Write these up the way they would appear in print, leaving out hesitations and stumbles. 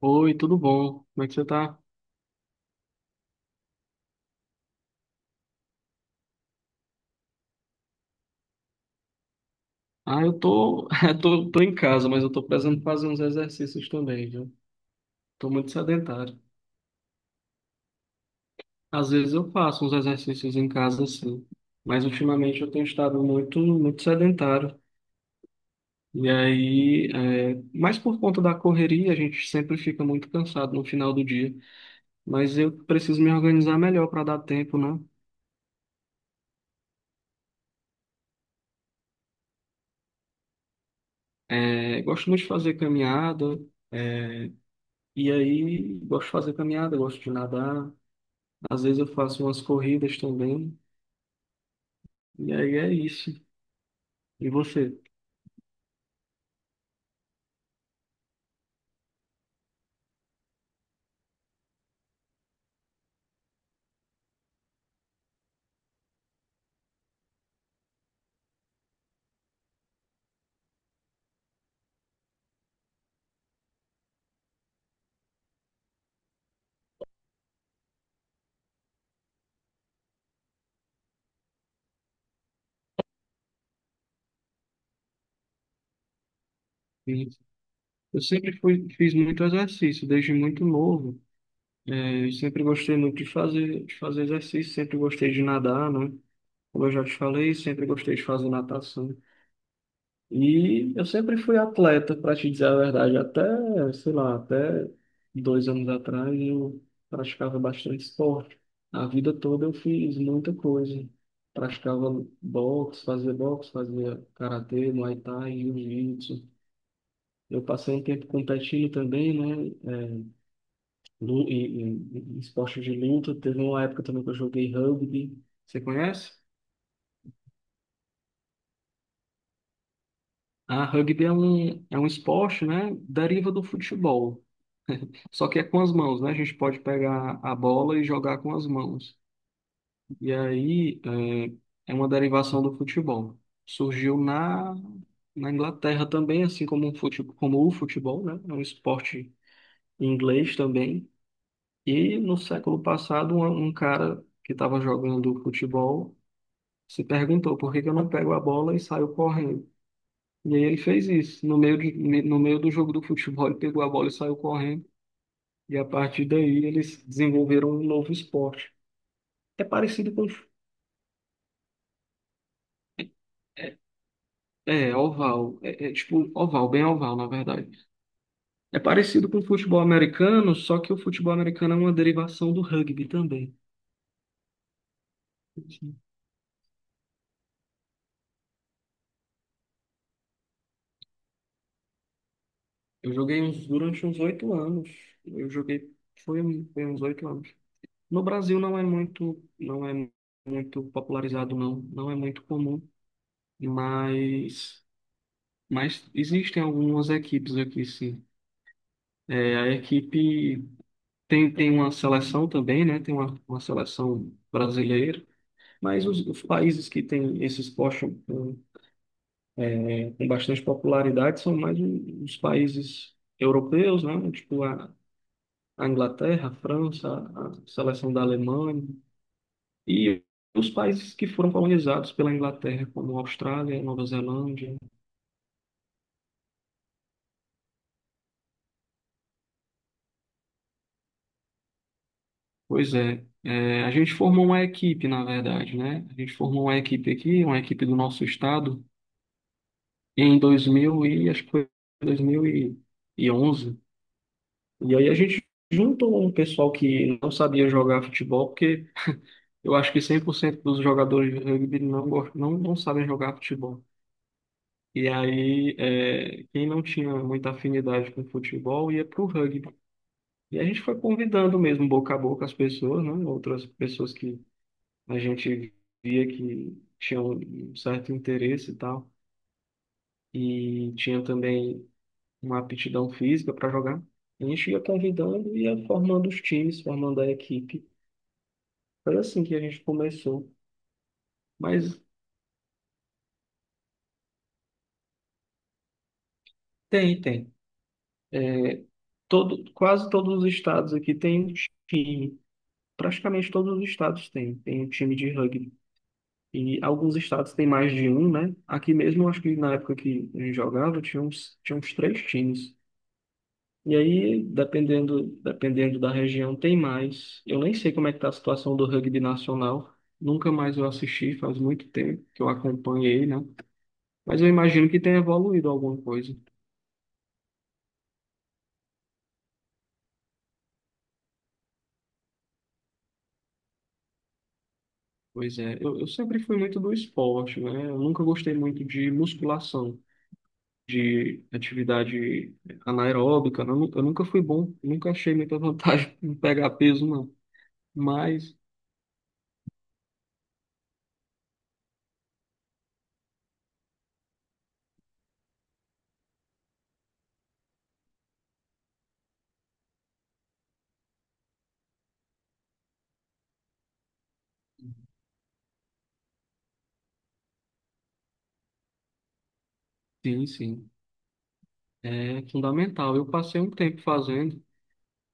Oi, tudo bom? Como é que você tá? Ah, eu tô, tô em casa, mas eu tô precisando fazer uns exercícios também, viu? Tô muito sedentário. Às vezes eu faço uns exercícios em casa, sim, mas ultimamente eu tenho estado muito, muito sedentário. E aí, mas por conta da correria, a gente sempre fica muito cansado no final do dia. Mas eu preciso me organizar melhor para dar tempo, né? É, gosto muito de fazer caminhada, é, e aí gosto de fazer caminhada, gosto de nadar. Às vezes eu faço umas corridas também, e aí é isso. E você? Sim. Eu sempre fui, fiz muito exercício, desde muito novo. É, eu sempre gostei muito de fazer exercício, sempre gostei de nadar, né? Como eu já te falei, sempre gostei de fazer natação. E eu sempre fui atleta, para te dizer a verdade, até, sei lá, até 2 anos atrás eu praticava bastante esporte. A vida toda eu fiz muita coisa. Praticava boxe, fazia karatê, muay thai, jiu-jitsu. Eu passei um tempo competindo também, né? Em esporte de luta. Teve uma época também que eu joguei rugby. Você conhece? Ah, rugby é um esporte, né? Deriva do futebol. Só que é com as mãos, né? A gente pode pegar a bola e jogar com as mãos. E aí é uma derivação do futebol. Surgiu na Inglaterra também, assim como, um fute, como o futebol, né? É um esporte inglês também. E no século passado, um cara que estava jogando futebol se perguntou por que que eu não pego a bola e saio correndo. E aí ele fez isso. No meio, de, no meio do jogo do futebol, ele pegou a bola e saiu correndo. E a partir daí eles desenvolveram um novo esporte. É parecido com. É, é oval. É tipo oval, bem oval, na verdade. É parecido com o futebol americano, só que o futebol americano é uma derivação do rugby também. Sim. Eu joguei uns, durante uns 8 anos. Eu joguei. Foi uns 8 anos. No Brasil não é muito. Não é muito popularizado, não. Não é muito comum. Mas. Mas existem algumas equipes aqui, sim. É, a equipe. Tem uma seleção também, né? Tem uma seleção brasileira, mas os países que têm esses postos com, com bastante popularidade são mais os países europeus, né? Tipo a Inglaterra, a França, a seleção da Alemanha e os países que foram colonizados pela Inglaterra, como Austrália, Nova Zelândia. Pois é, a gente formou uma equipe, na verdade, né? A gente formou uma equipe aqui, uma equipe do nosso estado em 2000 e acho que foi 2011 e aí a gente juntou um pessoal que não sabia jogar futebol, porque eu acho que 100% dos jogadores de rugby não sabem jogar futebol. E aí, quem não tinha muita afinidade com futebol ia para o rugby. E a gente foi convidando mesmo, boca a boca, as pessoas, né? Outras pessoas que a gente via que tinham um certo interesse e tal. E tinha também uma aptidão física para jogar. A gente ia convidando, e ia formando os times, formando a equipe. Foi assim que a gente começou. Mas tem. Todo, quase todos os estados aqui tem um time. Praticamente todos os estados tem um time de rugby. E alguns estados têm mais de um, né? Aqui mesmo, acho que na época que a gente jogava, tinha uns três times. E aí, dependendo da região, tem mais. Eu nem sei como é que tá a situação do rugby nacional. Nunca mais eu assisti, faz muito tempo que eu acompanhei, né? Mas eu imagino que tenha evoluído alguma coisa. Pois é, eu sempre fui muito do esporte, né? Eu nunca gostei muito de musculação, de atividade anaeróbica, né? Eu nunca fui bom, nunca achei muita vantagem em pegar peso, não. Mas, sim, sim, é fundamental. Eu passei um tempo fazendo.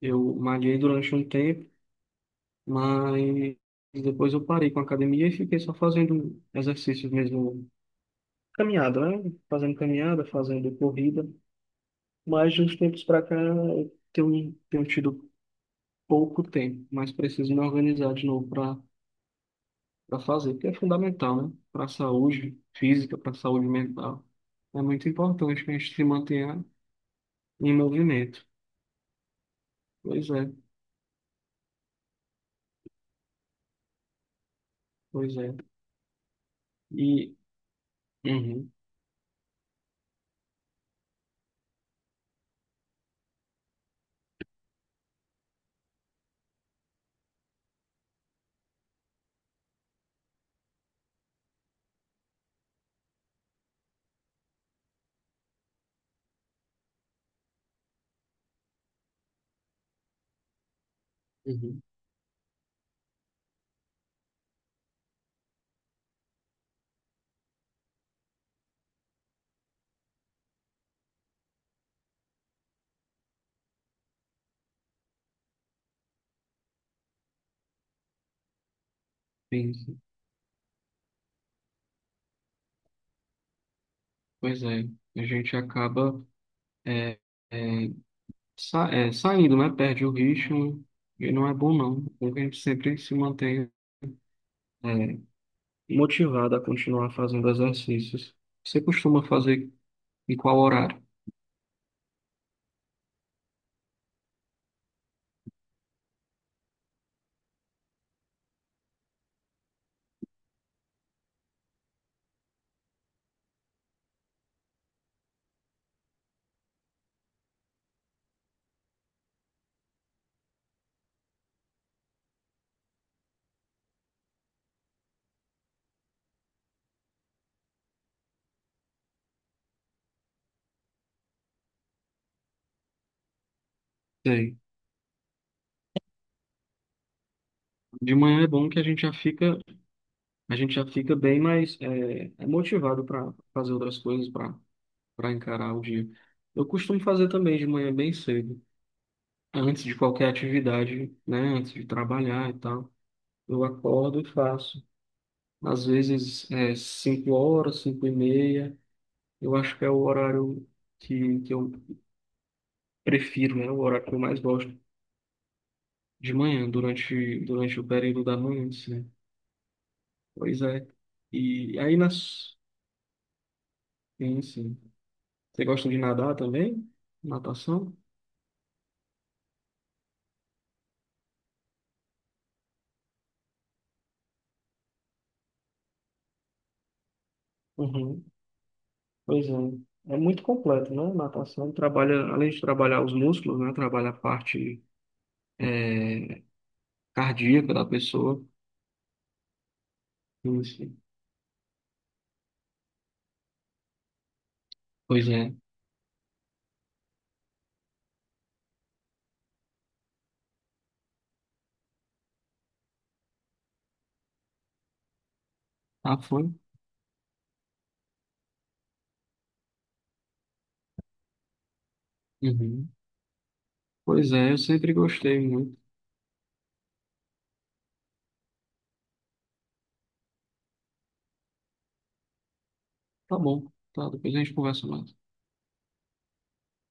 Eu malhei durante um tempo, mas depois eu parei com a academia e fiquei só fazendo exercícios mesmo, caminhada, né? Fazendo caminhada, fazendo corrida. Mas de uns tempos para cá eu tenho tido pouco tempo, mas preciso me organizar de novo para fazer, porque é fundamental, né? Para a saúde física, para a saúde mental. É muito importante que a gente se mantenha em movimento. Pois é, pois é. E. Uhum, uhum, sim. Pois é, a gente acaba é, é, saindo, né? Perde o ritmo e não é bom não. É bom que a gente sempre se mantém é, motivado a continuar fazendo exercícios. Você costuma fazer em qual horário? Sei. De manhã é bom que a gente já fica, a gente já fica bem mais motivado para fazer outras coisas, para encarar o dia. Eu costumo fazer também de manhã bem cedo, antes de qualquer atividade, né? Antes de trabalhar e tal. Eu acordo e faço. Às vezes 5 horas, 5:30. Eu acho que é o horário que eu prefiro, né? O horário que eu mais gosto de manhã, durante o período da manhã, né? Pois é. E aí nas. Sim, sim. Você gosta de nadar também? Natação? Uhum. Pois é. É muito completo, né? Natação trabalha, além de trabalhar os músculos, né? Trabalha a parte cardíaca da pessoa. Sim, sim. Pois é. Ah, foi? Uhum. Pois é, eu sempre gostei muito. Tá bom, tá. Depois a gente conversa mais.